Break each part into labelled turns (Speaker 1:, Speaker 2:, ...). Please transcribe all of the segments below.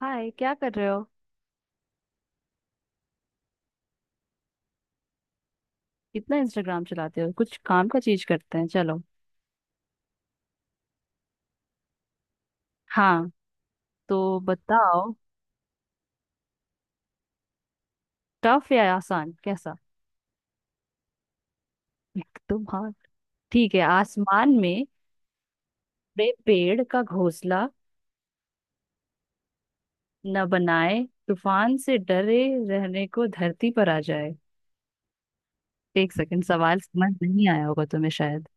Speaker 1: हाय, क्या कर रहे हो। इतना इंस्टाग्राम चलाते हो, कुछ काम का चीज करते हैं। चलो हाँ, तो बताओ टफ या आसान कैसा। तुम हाँ। ठीक है, आसमान में बड़े पेड़ का घोंसला न बनाए, तूफान से डरे, रहने को धरती पर आ जाए। एक सेकंड, सवाल समझ नहीं आया होगा तुम्हें शायद।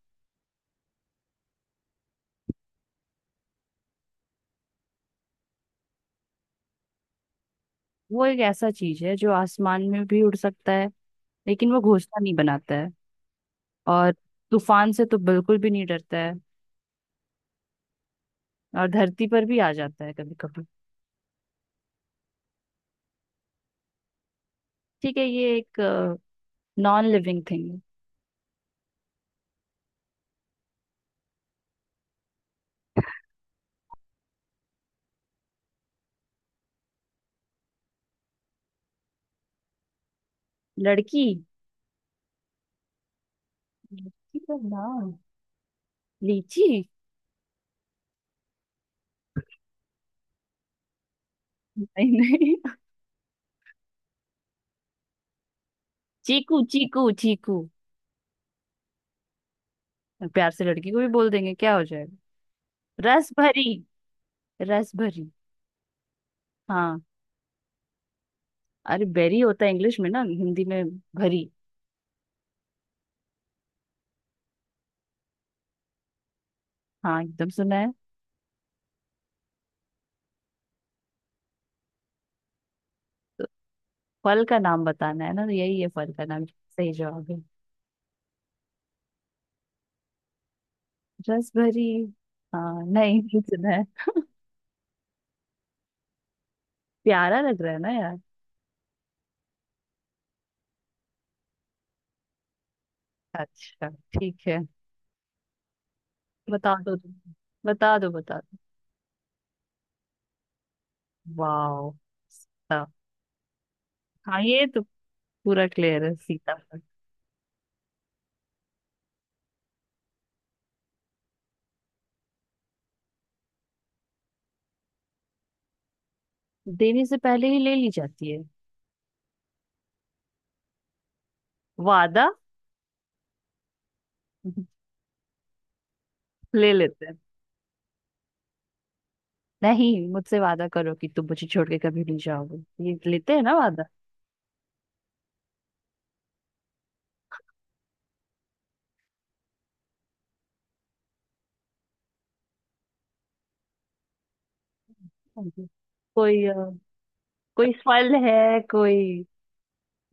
Speaker 1: वो एक ऐसा चीज है जो आसमान में भी उड़ सकता है, लेकिन वो घोंसला नहीं बनाता है। और तूफान से तो बिल्कुल भी नहीं डरता है। और धरती पर भी आ जाता है कभी कभी। ठीक है, ये एक नॉन लिविंग थिंग है। लड़की, लड़की का नाम लीची। नहीं नहीं। चीकू चीकू चीकू। प्यार से लड़की को भी बोल देंगे क्या हो जाएगा। रस भरी। रस भरी। हाँ। अरे बेरी होता है इंग्लिश में, ना हिंदी में भरी। हाँ, एकदम सुना है। फल का नाम बताना है ना, तो यही है फल का नाम, सही जवाब है। रस भरी। हाँ, नहीं नहीं सुना है। प्यारा लग रहा है ना यार। अच्छा, ठीक है। बता दो तुम। बता दो बता। वाओ। सीता। हाँ, ये तो पूरा क्लियर है सीता पर। देने से पहले ही ले ली जाती है। वादा। ले लेते हैं। नहीं, मुझसे वादा करो कि तुम मुझे छोड़ के कभी नहीं जाओगे, ये लेते हैं ना वादा। जी। कोई अ, कोई फल है, कोई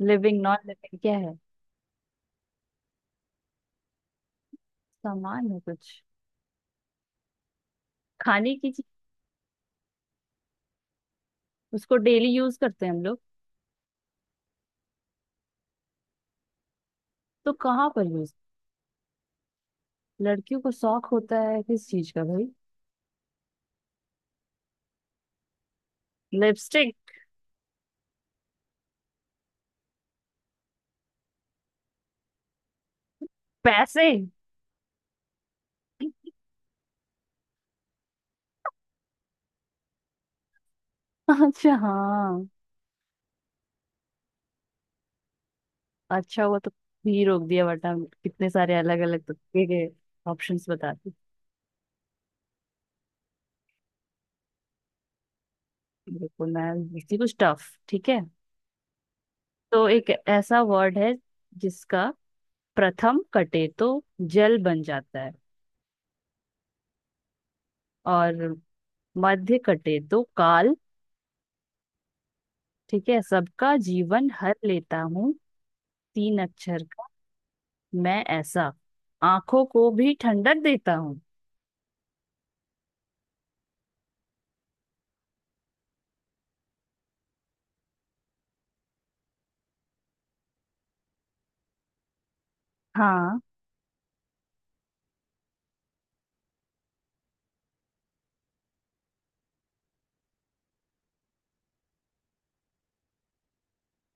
Speaker 1: लिविंग नॉन लिविंग क्या है। सामान है कुछ खाने की चीज। उसको डेली यूज करते हैं हम लोग। तो कहाँ पर यूज। लड़कियों को शौक होता है किस चीज का भाई। लिपस्टिक। पैसे। अच्छा हाँ। अच्छा हुआ तो ही रोक दिया, वरना कितने सारे अलग अलग तुक्के के ऑप्शंस बताती। बिल्कुल, मैं पूछती कुछ टफ, ठीक है। तो एक ऐसा वर्ड है जिसका प्रथम कटे तो जल बन जाता है, और मध्य कटे तो काल। ठीक है, सबका जीवन हर लेता हूँ। तीन अक्षर का। मैं ऐसा आंखों को भी ठंडक देता हूँ। हाँ।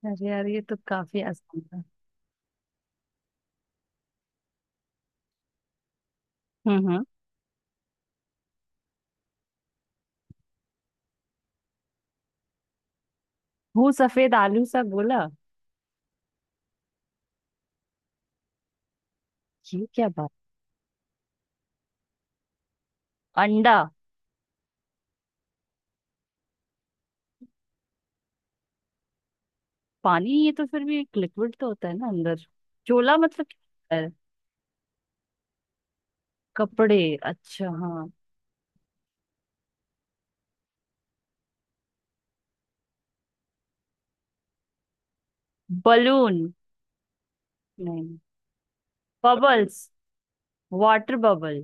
Speaker 1: अरे यार ये तो काफी आसान था। हम्म। हम्म। हूँ सफेद आलू सा गोला। ये क्या बात। अंडा। पानी, ये तो फिर भी एक लिक्विड तो होता है ना अंदर। चोला मतलब क्या होता है? कपड़े, अच्छा हाँ। बलून। नहीं। बबल्स। Water bubble.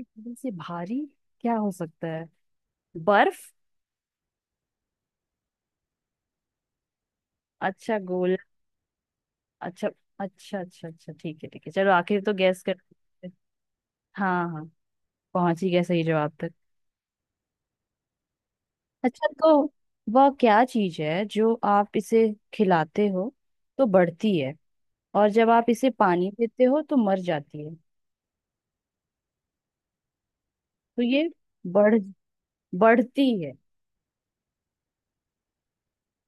Speaker 1: बबल से भारी क्या हो सकता है। बर्फ। अच्छा गोल। अच्छा, अच्छा अच्छा अच्छा। ठीक है, ठीक है, चलो आखिर तो गैस कर। हाँ हाँ। पहुंच ही गया सही जवाब तक। अच्छा, तो वह क्या चीज है जो आप इसे खिलाते हो तो बढ़ती है, और जब आप इसे पानी देते हो तो मर जाती है। तो ये बढ़ बढ़ती है,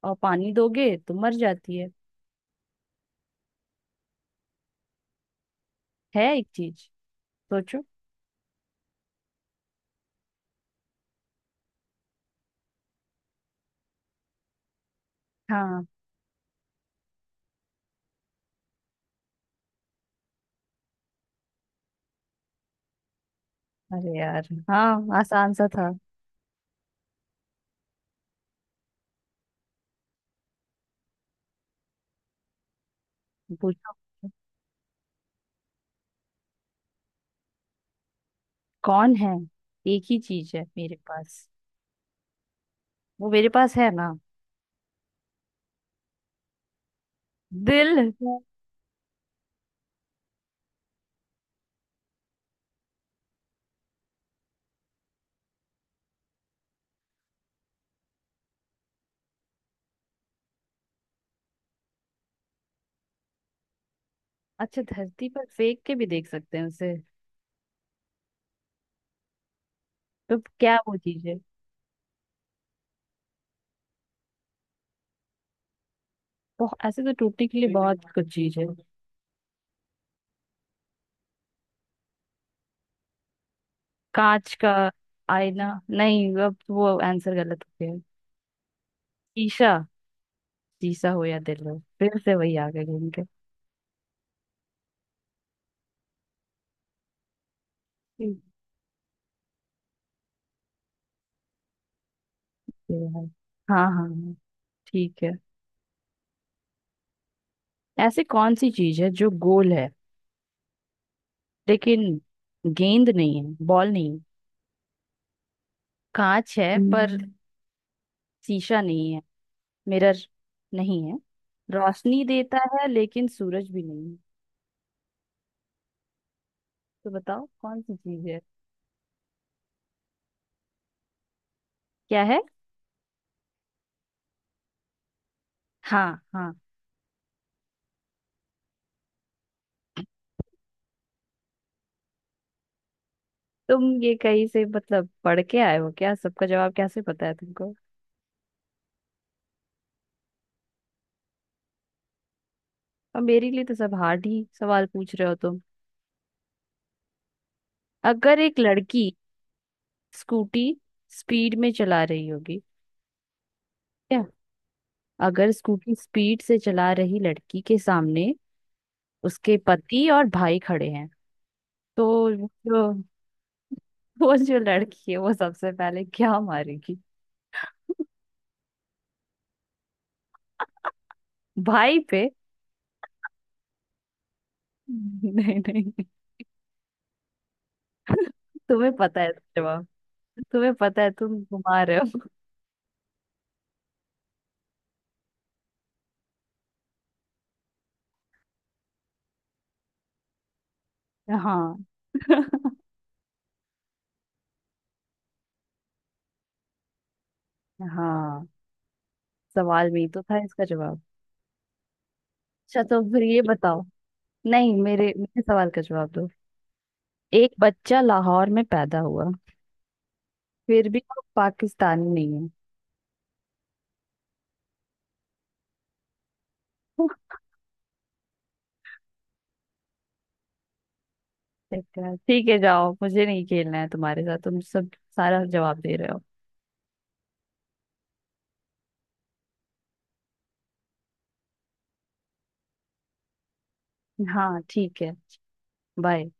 Speaker 1: और पानी दोगे तो मर जाती है। है एक चीज, सोचो। हाँ। अरे यार हाँ, आसान सा था। पूछो। कौन है। एक ही चीज है मेरे पास। वो मेरे पास है ना। दिल है। अच्छा, धरती पर फेंक के भी देख सकते हैं उसे। तो क्या वो चीज है, बहुत ऐसे तो टूटने के लिए बहुत कुछ चीज है। कांच का आईना। नहीं, अब वो आंसर गलत हो गया। शीशा। शीशा हो या दिल हो फिर से वही आ गए घूम के। है हाँ हाँ हाँ, ठीक है। ऐसी कौन सी चीज है जो गोल है, लेकिन गेंद नहीं है, बॉल नहीं है। कांच है पर शीशा नहीं है। मिरर नहीं है। रोशनी देता है, लेकिन सूरज भी नहीं है। तो बताओ कौन सी चीज है। क्या है। हाँ हाँ। तुम ये कहीं से मतलब पढ़ के आए हो क्या, सबका जवाब कैसे पता है तुमको। और मेरे लिए तो सब हार्ड ही सवाल पूछ रहे हो तुम। अगर एक लड़की स्कूटी स्पीड में चला रही होगी। अगर स्कूटी स्पीड से चला रही लड़की के सामने उसके पति और भाई खड़े हैं, तो वो जो वो जो लड़की है वो सबसे पहले क्या मारेगी। भाई पे। नहीं नहीं। तुम्हें पता है इसका जवाब। तुम्हें पता है, तुम घुमा रहे हो। हाँ। हाँ, सवाल में ही तो था इसका जवाब। अच्छा, तो फिर ये बताओ। नहीं, मेरे मेरे सवाल का जवाब दो। एक बच्चा लाहौर में पैदा हुआ, फिर भी वो पाकिस्तानी नहीं है। चक्कर, ठीक है, जाओ, मुझे नहीं खेलना है तुम्हारे साथ, तुम सब सारा जवाब दे रहे हो। हाँ ठीक है। बाय।